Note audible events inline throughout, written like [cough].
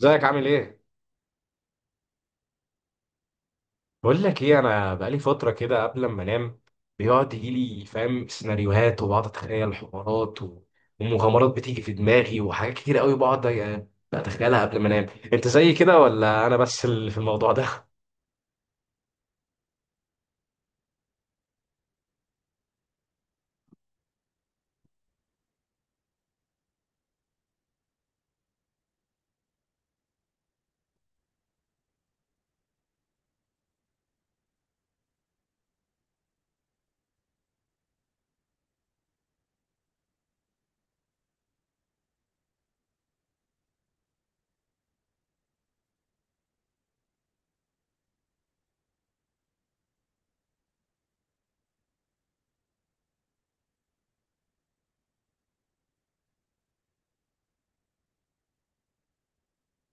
ازيك عامل ايه؟ بقول لك ايه، انا بقالي فتره كده قبل ما انام بيقعد يجي لي، فاهم، سيناريوهات وبقعد اتخيل حوارات ومغامرات بتيجي في دماغي وحاجات كتير قوي بقعد بتخيلها قبل ما انام. انت زي كده ولا انا بس اللي في الموضوع ده؟ [laughs]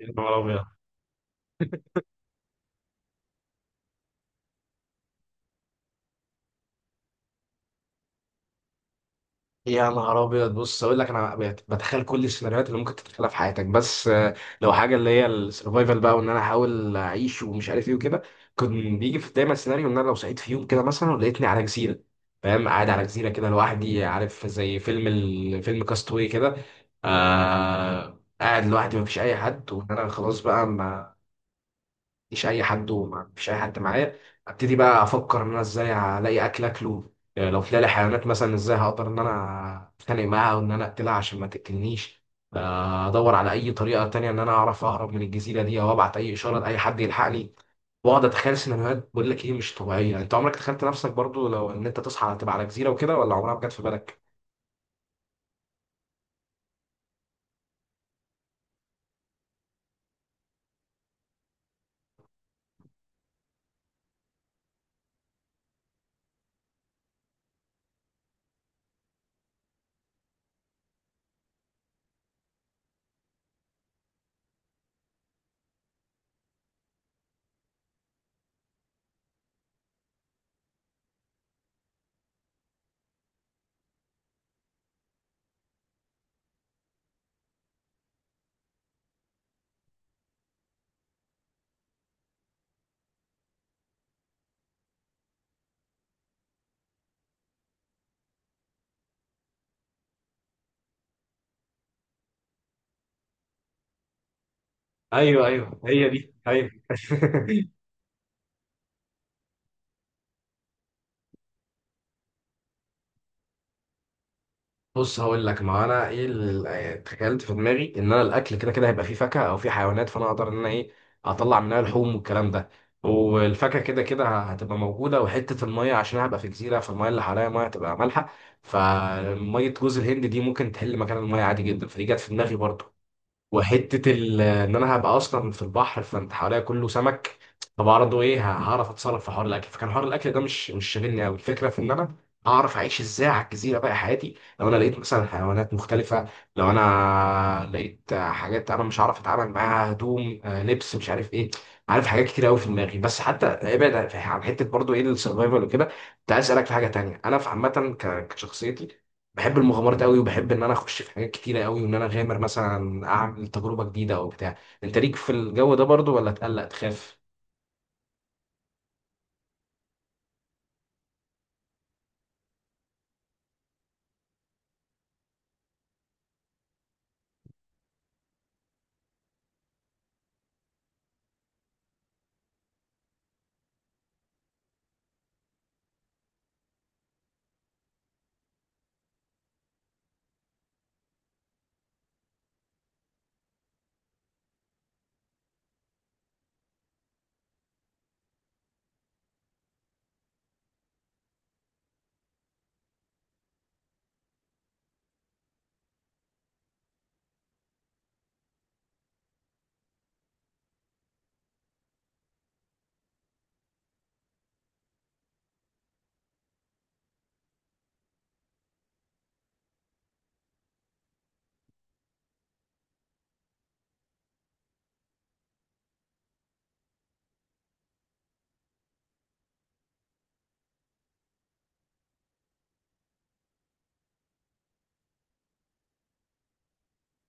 يا نهار أبيض. يا نهار ابيض، بص اقول لك، انا بتخيل كل السيناريوهات اللي ممكن تتخيلها في حياتك، بس لو حاجه اللي هي السرفايفل بقى، وان انا احاول اعيش ومش عارف ايه وكده. كان بيجي في دايما سيناريو ان انا لو صحيت في يوم كده مثلا ولقيتني على جزيره، فاهم، قاعد على جزيره كده لوحدي، عارف زي فيلم فيلم كاستوي كده. قاعد لوحدي مفيش اي حد وان انا خلاص بقى مفيش اي حد ومفيش اي حد معايا. ابتدي بقى افكر ان انا ازاي الاقي اكل اكله. لو طلع لي حيوانات مثلا ازاي هقدر ان انا اتخانق معاها وان انا اقتلها عشان ما تقتلنيش. ادور على اي طريقه تانية ان انا اعرف اهرب من الجزيره دي، او ابعت اي اشاره لاي حد يلحقني، واقعد اتخيل سيناريوهات. بقول لك ايه مش طبيعيه، انت عمرك تخيلت نفسك برضو لو ان انت تصحى تبقى على جزيره وكده، ولا عمرها ما جت في بالك؟ ايوه ايوه، هي دي، ايوه. [laughs] بص هقول لك، ما انا ايه اللي تخيلت في دماغي، ان انا الاكل كده كده هيبقى فيه فاكهه او فيه حيوانات، فانا اقدر ان انا ايه، اطلع منها لحوم والكلام ده، والفاكهه كده كده هتبقى موجوده. وحته الميه، عشان أنا هبقى في جزيره فالميه اللي حواليا ميه هتبقى مالحه، فميه جوز الهند دي ممكن تحل مكان الميه عادي جدا، فدي جت في دماغي برضو. ان انا هبقى اصلا في البحر فانت حواليا كله سمك، فبرضه ايه، هعرف اتصرف في حوار الاكل. فكان حوار الاكل ده مش شاغلني قوي، الفكره في ان انا اعرف اعيش ازاي على الجزيره بقى حياتي، لو انا لقيت مثلا حيوانات مختلفه، لو انا لقيت حاجات انا مش عارف اتعامل معاها، هدوم، لبس، مش عارف ايه، عارف، حاجات كتير قوي في دماغي. بس حتى ابعد عن حته برضه ايه السرفايفل وكده، كنت عايز اسالك في حاجه تانيه. انا في عامه، كشخصيتي، بحب المغامرات قوي، وبحب ان انا اخش في حاجات كتيره قوي وان انا اغامر، مثلا اعمل تجربه جديده او بتاع. انت ليك في الجو ده برضو، ولا تقلق تخاف؟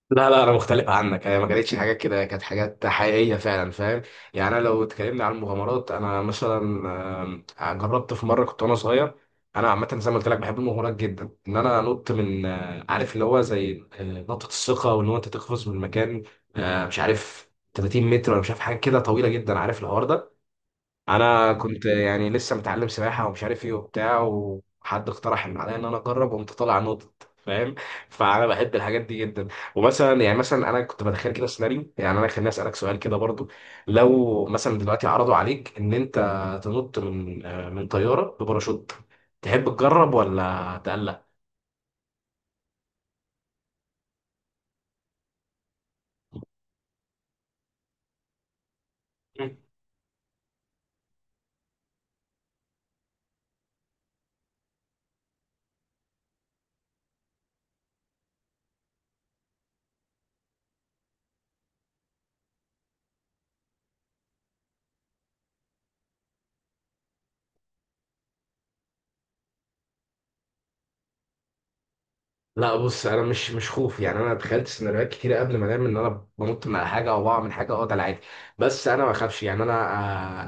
لا، انا مختلف عنك، هي ما كانتش حاجات كده، كانت حاجات حقيقيه فعلا، فاهم، يعني انا لو اتكلمنا عن المغامرات، انا مثلا، جربت في مره كنت وانا صغير. انا عامه زي ما قلت لك بحب المغامرات جدا، ان انا انط من عارف اللي هو زي نقطه الثقه، وان هو انت تقفز من مكان مش عارف 30 متر، ولا مش عارف، حاجه كده طويله جدا، عارف الحوار ده. انا كنت يعني لسه متعلم سباحه ومش عارف ايه وبتاع، وحد اقترح ان عليا ان انا اجرب، وقمت طالع نطت، فاهم. فانا بحب الحاجات دي جدا. ومثلا يعني، مثلا انا كنت بتخيل كده سيناريو، يعني انا خليني اسالك سؤال كده برضو، لو مثلا دلوقتي عرضوا عليك ان انت تنط من من طياره بباراشوت، تحب تجرب ولا تقلق؟ لا، بص انا مش خوف، يعني انا تخيلت سيناريوهات كتير قبل ما انام ان انا بنط من على حاجه او بقع من حاجه، اه ده العادي. بس انا ما بخافش، يعني انا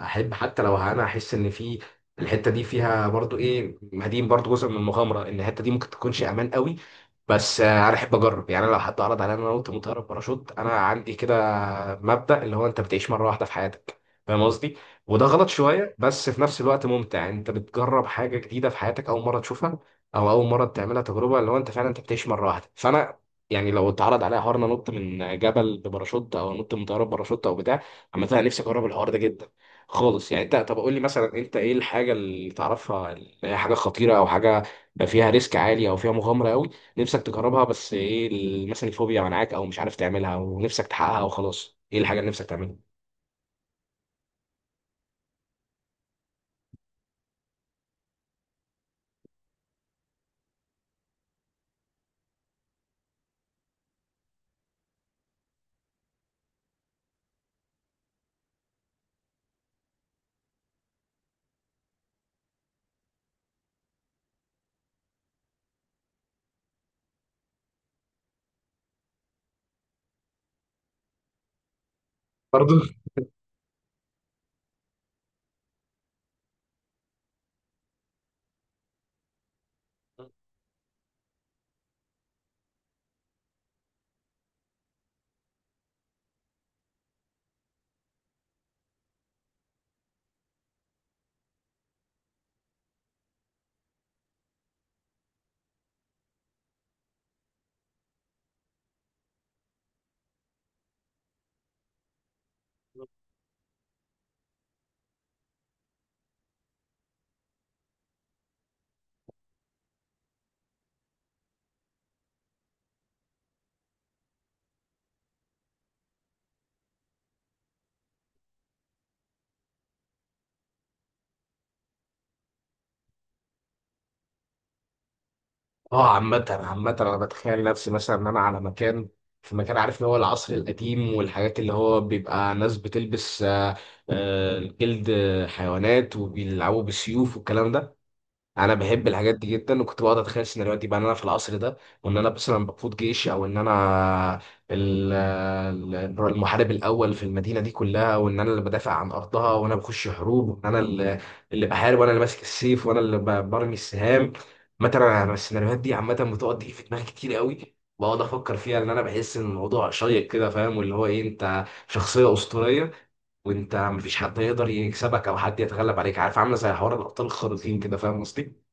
احب، حتى لو انا احس ان في الحته دي فيها برضو ايه، مدين برضو جزء من المغامره ان الحته دي ممكن تكونش امان قوي، بس انا احب اجرب. يعني انا لو حد عرض عليا ان انا انط من طياره باراشوت، انا عندي كده مبدا اللي هو انت بتعيش مره واحده في حياتك، فاهم قصدي. وده غلط شويه، بس في نفس الوقت ممتع، يعني انت بتجرب حاجه جديده في حياتك، اول مره تشوفها او اول مره تعملها، تجربه اللي هو انت فعلا انت بتعيش مره واحده. فانا يعني لو اتعرض عليا حوار إن انا نط من جبل بباراشوت او نط من طياره بباراشوت او بتاع، عامه انا نفسي اجرب الحوار ده جدا خالص. يعني انت، طب قول لي مثلا، انت ايه الحاجه اللي تعرفها اللي هي حاجه خطيره، او حاجه فيها ريسك عالي، او فيها مغامره قوي، نفسك تجربها، بس ايه مثلا الفوبيا منعاك، او مش عارف تعملها ونفسك تحققها وخلاص؟ ايه الحاجه اللي نفسك تعملها برضه؟ اه عامة عامة، انا بتخيل نفسي مثلا ان انا على مكان، في مكان، عارف اللي هو العصر القديم والحاجات اللي هو بيبقى ناس بتلبس جلد حيوانات وبيلعبوا بالسيوف والكلام ده. انا بحب الحاجات دي جدا، وكنت بقعد اتخيل سيناريوهات بقى ان انا في العصر ده، وان انا مثلا بقود جيش، او ان انا ال- المحارب الاول في المدينه دي كلها، وان انا اللي بدافع عن ارضها، وانا بخش حروب، وان انا اللي بحارب، وانا اللي ماسك السيف، وانا اللي برمي السهام. مثلا انا السيناريوهات دي عامه بتقعد تيجي في دماغي كتير قوي، بقعد افكر فيها لان انا بحس ان الموضوع شيق كده، فاهم، واللي هو ايه، انت شخصيه اسطوريه، وانت مفيش حد يقدر يكسبك او حد يتغلب عليك، عارف، عامله زي حوار الابطال الخارقين كده، فاهم قصدي.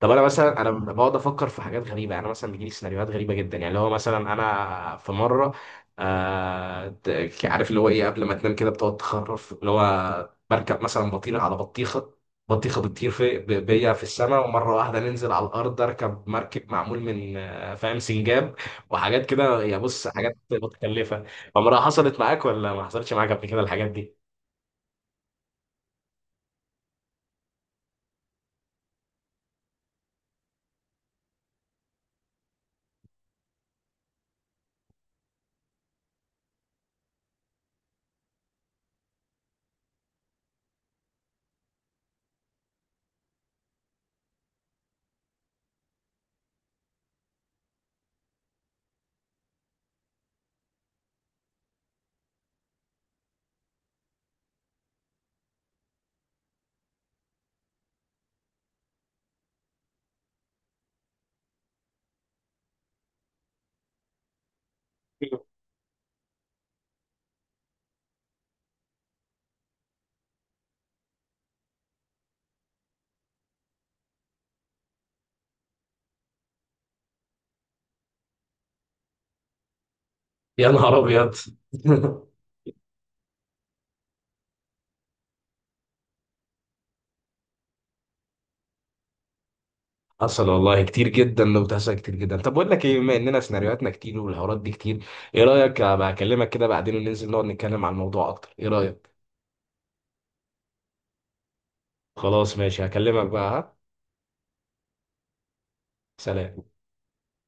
طب انا مثلا انا بقعد افكر في حاجات غريبه، يعني أنا مثلا بيجي لي سيناريوهات غريبه جدا، يعني اللي هو مثلا انا في مره، عارف اللي هو ايه، قبل ما تنام كده بتقعد تخرف، اللي هو بركب مثلا بطيخه على بطيخه، بطيخه بتطير في بيا في السماء، ومره واحده ننزل على الارض اركب مركب معمول من فاهم سنجاب وحاجات كده، يا بص حاجات متكلفه. عمرها حصلت معاك ولا ما حصلتش معاك قبل كده الحاجات دي؟ [laughs] يا نهار ابيض. [laughs] حصل والله كتير جدا، لو بتحصل كتير جدا. طب بقول لك ايه، بما اننا سيناريوهاتنا كتير والحوارات دي كتير، ايه رايك ابقى اكلمك كده بعدين وننزل نقعد نتكلم عن الموضوع اكتر؟ ايه رايك؟ خلاص ماشي، هكلمك بقى. ها سلام.